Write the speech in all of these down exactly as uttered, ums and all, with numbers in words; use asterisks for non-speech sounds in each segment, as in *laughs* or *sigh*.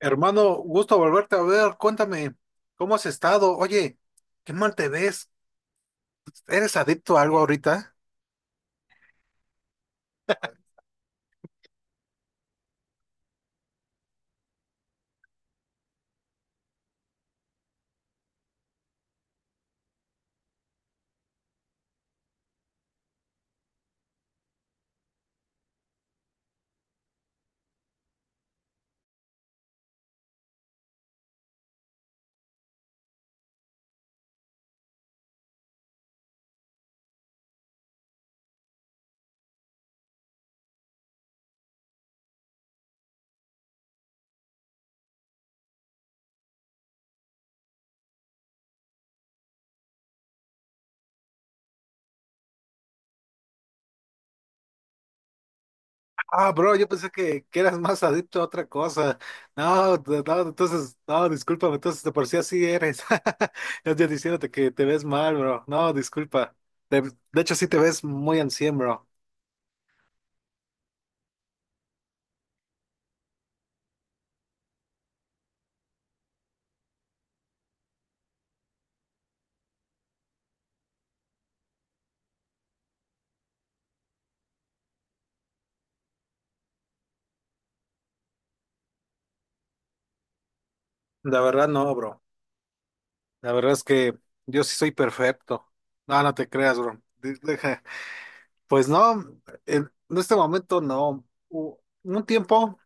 Hermano, gusto volverte a ver. Cuéntame, ¿cómo has estado? Oye, qué mal te ves. ¿Eres adicto a algo ahorita? Ah, bro, yo pensé que, que eras más adicto a otra cosa. No, no, no, entonces, no, discúlpame, entonces de por sí así eres. *laughs* Yo yo diciéndote que te ves mal, bro. No, disculpa. De, de hecho, sí te ves muy ancien, bro. La verdad no, bro. La verdad es que yo sí soy perfecto. No, no te creas, bro. Di- Deja. Pues no, en, en este momento no. U- Un tiempo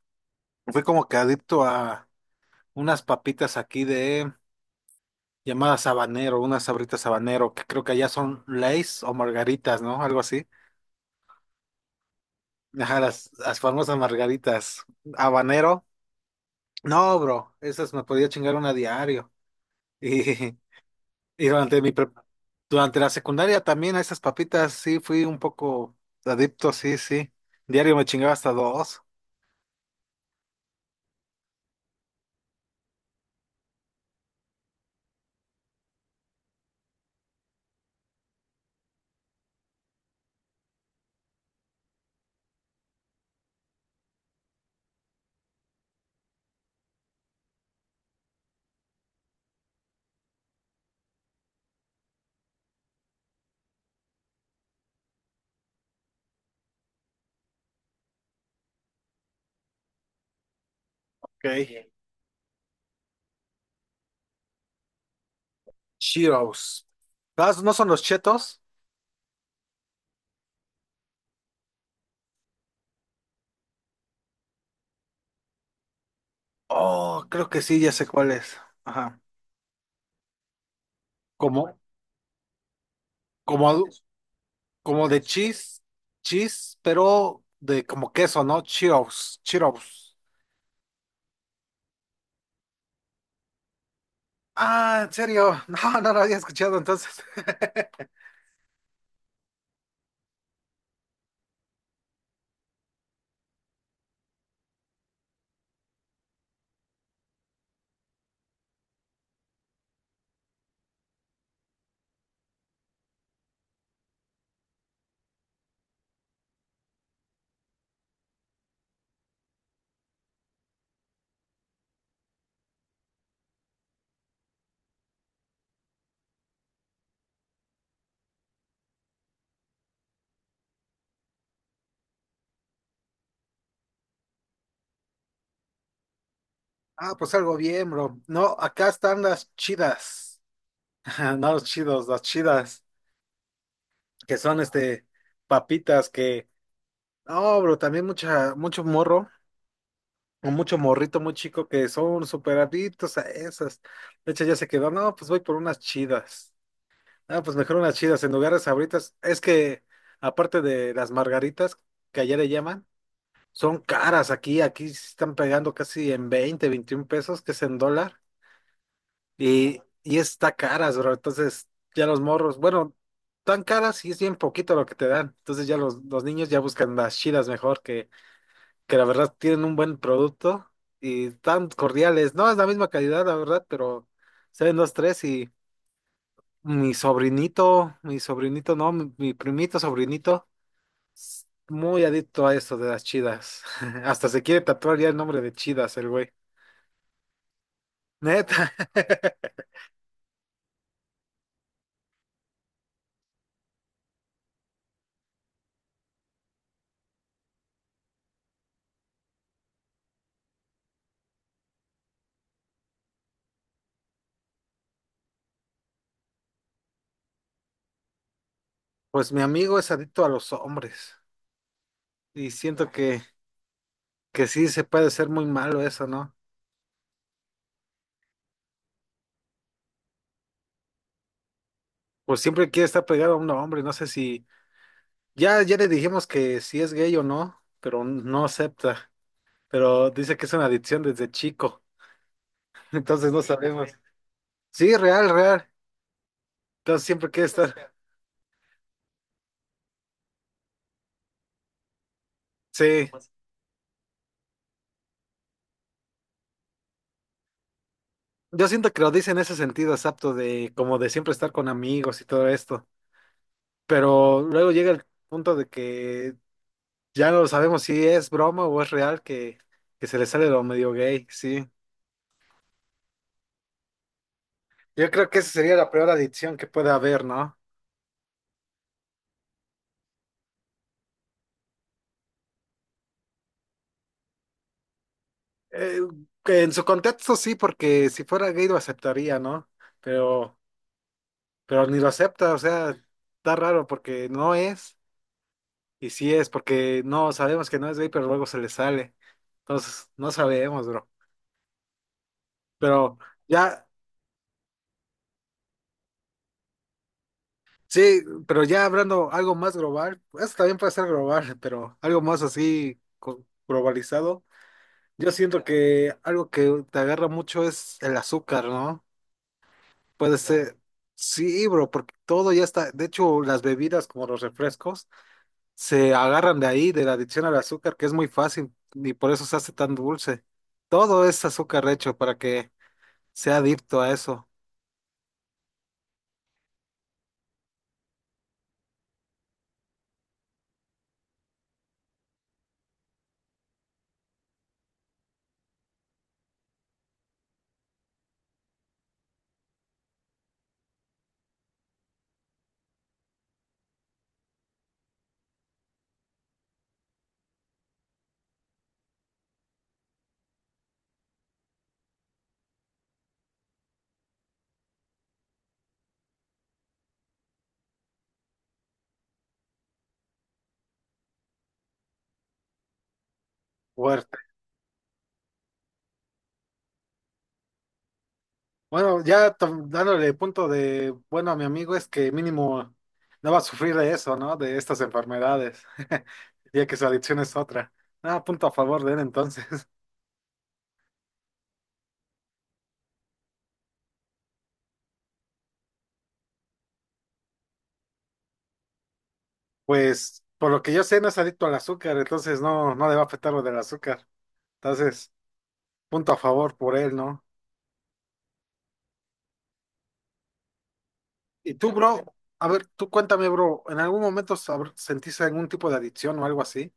fui como que adicto a unas papitas aquí de llamadas habanero, unas sabritas habanero, que creo que allá son Lays o margaritas, ¿no? Algo así. Ajá, las, las famosas margaritas. Habanero. No, bro, esas me podía chingar una diario. *laughs* Y, y durante mi pre- durante la secundaria también a esas papitas sí fui un poco adicto, sí, sí. Diario me chingaba hasta dos. Ok. Cheetos. ¿No no son los chetos? Oh, creo que sí, ya sé cuál es. Ajá. Como, como, adu- Como de cheese, cheese, pero de como queso, ¿no? Cheetos, Cheetos. Ah, ¿en serio? *laughs* No, no lo había escuchado entonces. *laughs* Ah, pues algo bien, bro. No, acá están las chidas. *laughs* No los chidos, las chidas. Que son este papitas que. No, bro, también mucha, mucho morro o mucho morrito muy chico que son súper adictos a esas. De hecho, ya se quedó, no, pues voy por unas chidas. Ah, pues mejor unas chidas en lugar de sabritas. Es que, aparte de las margaritas, que allá le llaman, son caras aquí, aquí se están pegando casi en veinte veintiún pesos, que es en dólar, y, y está caras, bro. Entonces, ya los morros, bueno, tan caras y es bien poquito lo que te dan. Entonces ya los, los niños ya buscan las chidas mejor que que la verdad tienen un buen producto y tan cordiales. No es la misma calidad, la verdad, pero saben los tres y mi sobrinito, mi sobrinito, no, mi, mi primito, sobrinito, s- muy adicto a eso de las chidas. *laughs* Hasta se quiere tatuar ya el nombre de chidas, el güey. Neta. *laughs* Pues mi amigo es adicto a los hombres y siento que, que sí se puede ser muy malo eso, ¿no? Pues siempre quiere estar pegado a un hombre, no sé si, ya, ya le dijimos que si es gay o no, pero no acepta, pero dice que es una adicción desde chico, *laughs* entonces no. Sí, sabemos. Sí, real, real. Entonces siempre quiere estar. Sí, yo siento que lo dice en ese sentido, es apto de como de siempre estar con amigos y todo esto, pero luego llega el punto de que ya no sabemos si es broma o es real que, que se le sale lo medio gay, sí. Yo creo que esa sería la peor adicción que puede haber, ¿no? Eh, que en su contexto sí, porque si fuera gay lo aceptaría, ¿no? Pero... pero ni lo acepta, o sea, está raro porque no es, y sí es, porque no sabemos que no es gay, pero luego se le sale. Entonces, no sabemos, bro. Pero ya, sí, pero ya hablando algo más global, eso también puede ser global, pero algo más así co- globalizado. Yo siento que algo que te agarra mucho es el azúcar, ¿no? Puede ser, sí, bro, porque todo ya está, de hecho, las bebidas como los refrescos se agarran de ahí, de la adicción al azúcar, que es muy fácil y por eso se hace tan dulce. Todo es azúcar hecho para que sea adicto a eso. Fuerte. Bueno, ya to- dándole punto de, bueno, a mi amigo es que mínimo no va a sufrir de eso, ¿no? De estas enfermedades, *laughs* ya que su adicción es otra. Nada, punto a favor de él entonces. *laughs* Pues, por lo que yo sé, no es adicto al azúcar, entonces no, no le va a afectar lo del azúcar. Entonces, punto a favor por él, ¿no? Y tú, bro, a ver, tú cuéntame, bro, ¿en algún momento sab- sentiste algún tipo de adicción o algo así?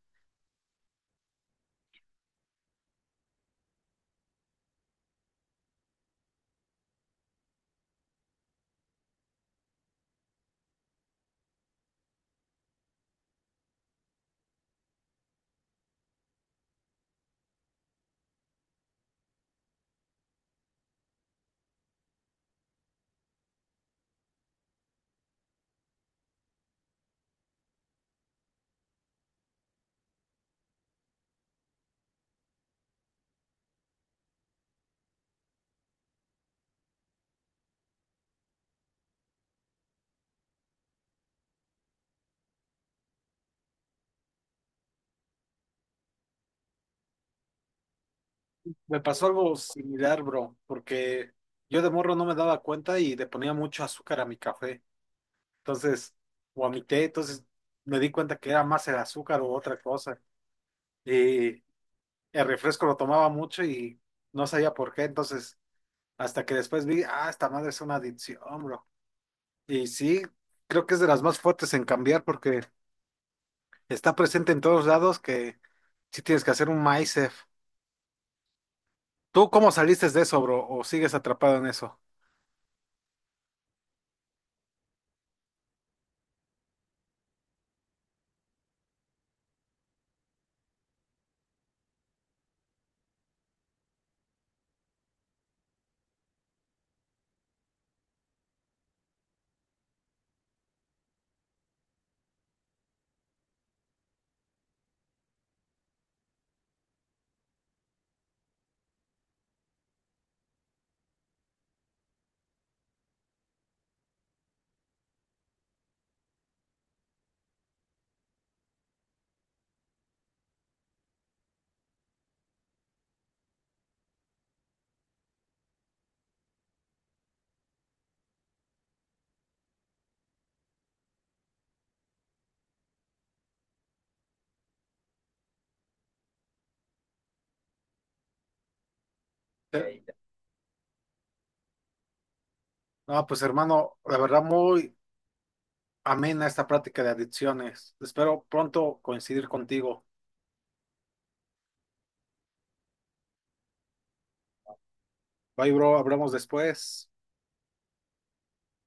Me pasó algo similar, bro, porque yo de morro no me daba cuenta y le ponía mucho azúcar a mi café, entonces, o a mi té, entonces me di cuenta que era más el azúcar o otra cosa. Y el refresco lo tomaba mucho y no sabía por qué, entonces, hasta que después vi, ah, esta madre es una adicción, bro. Y sí, creo que es de las más fuertes en cambiar porque... Está presente en todos lados que sí tienes que hacer un my safe. ¿Tú cómo saliste de eso, bro? ¿O sigues atrapado en eso? Eh, Ok. No, pues hermano, la verdad muy amena esta práctica de adicciones. Espero pronto coincidir contigo. Bye, bro, hablamos después.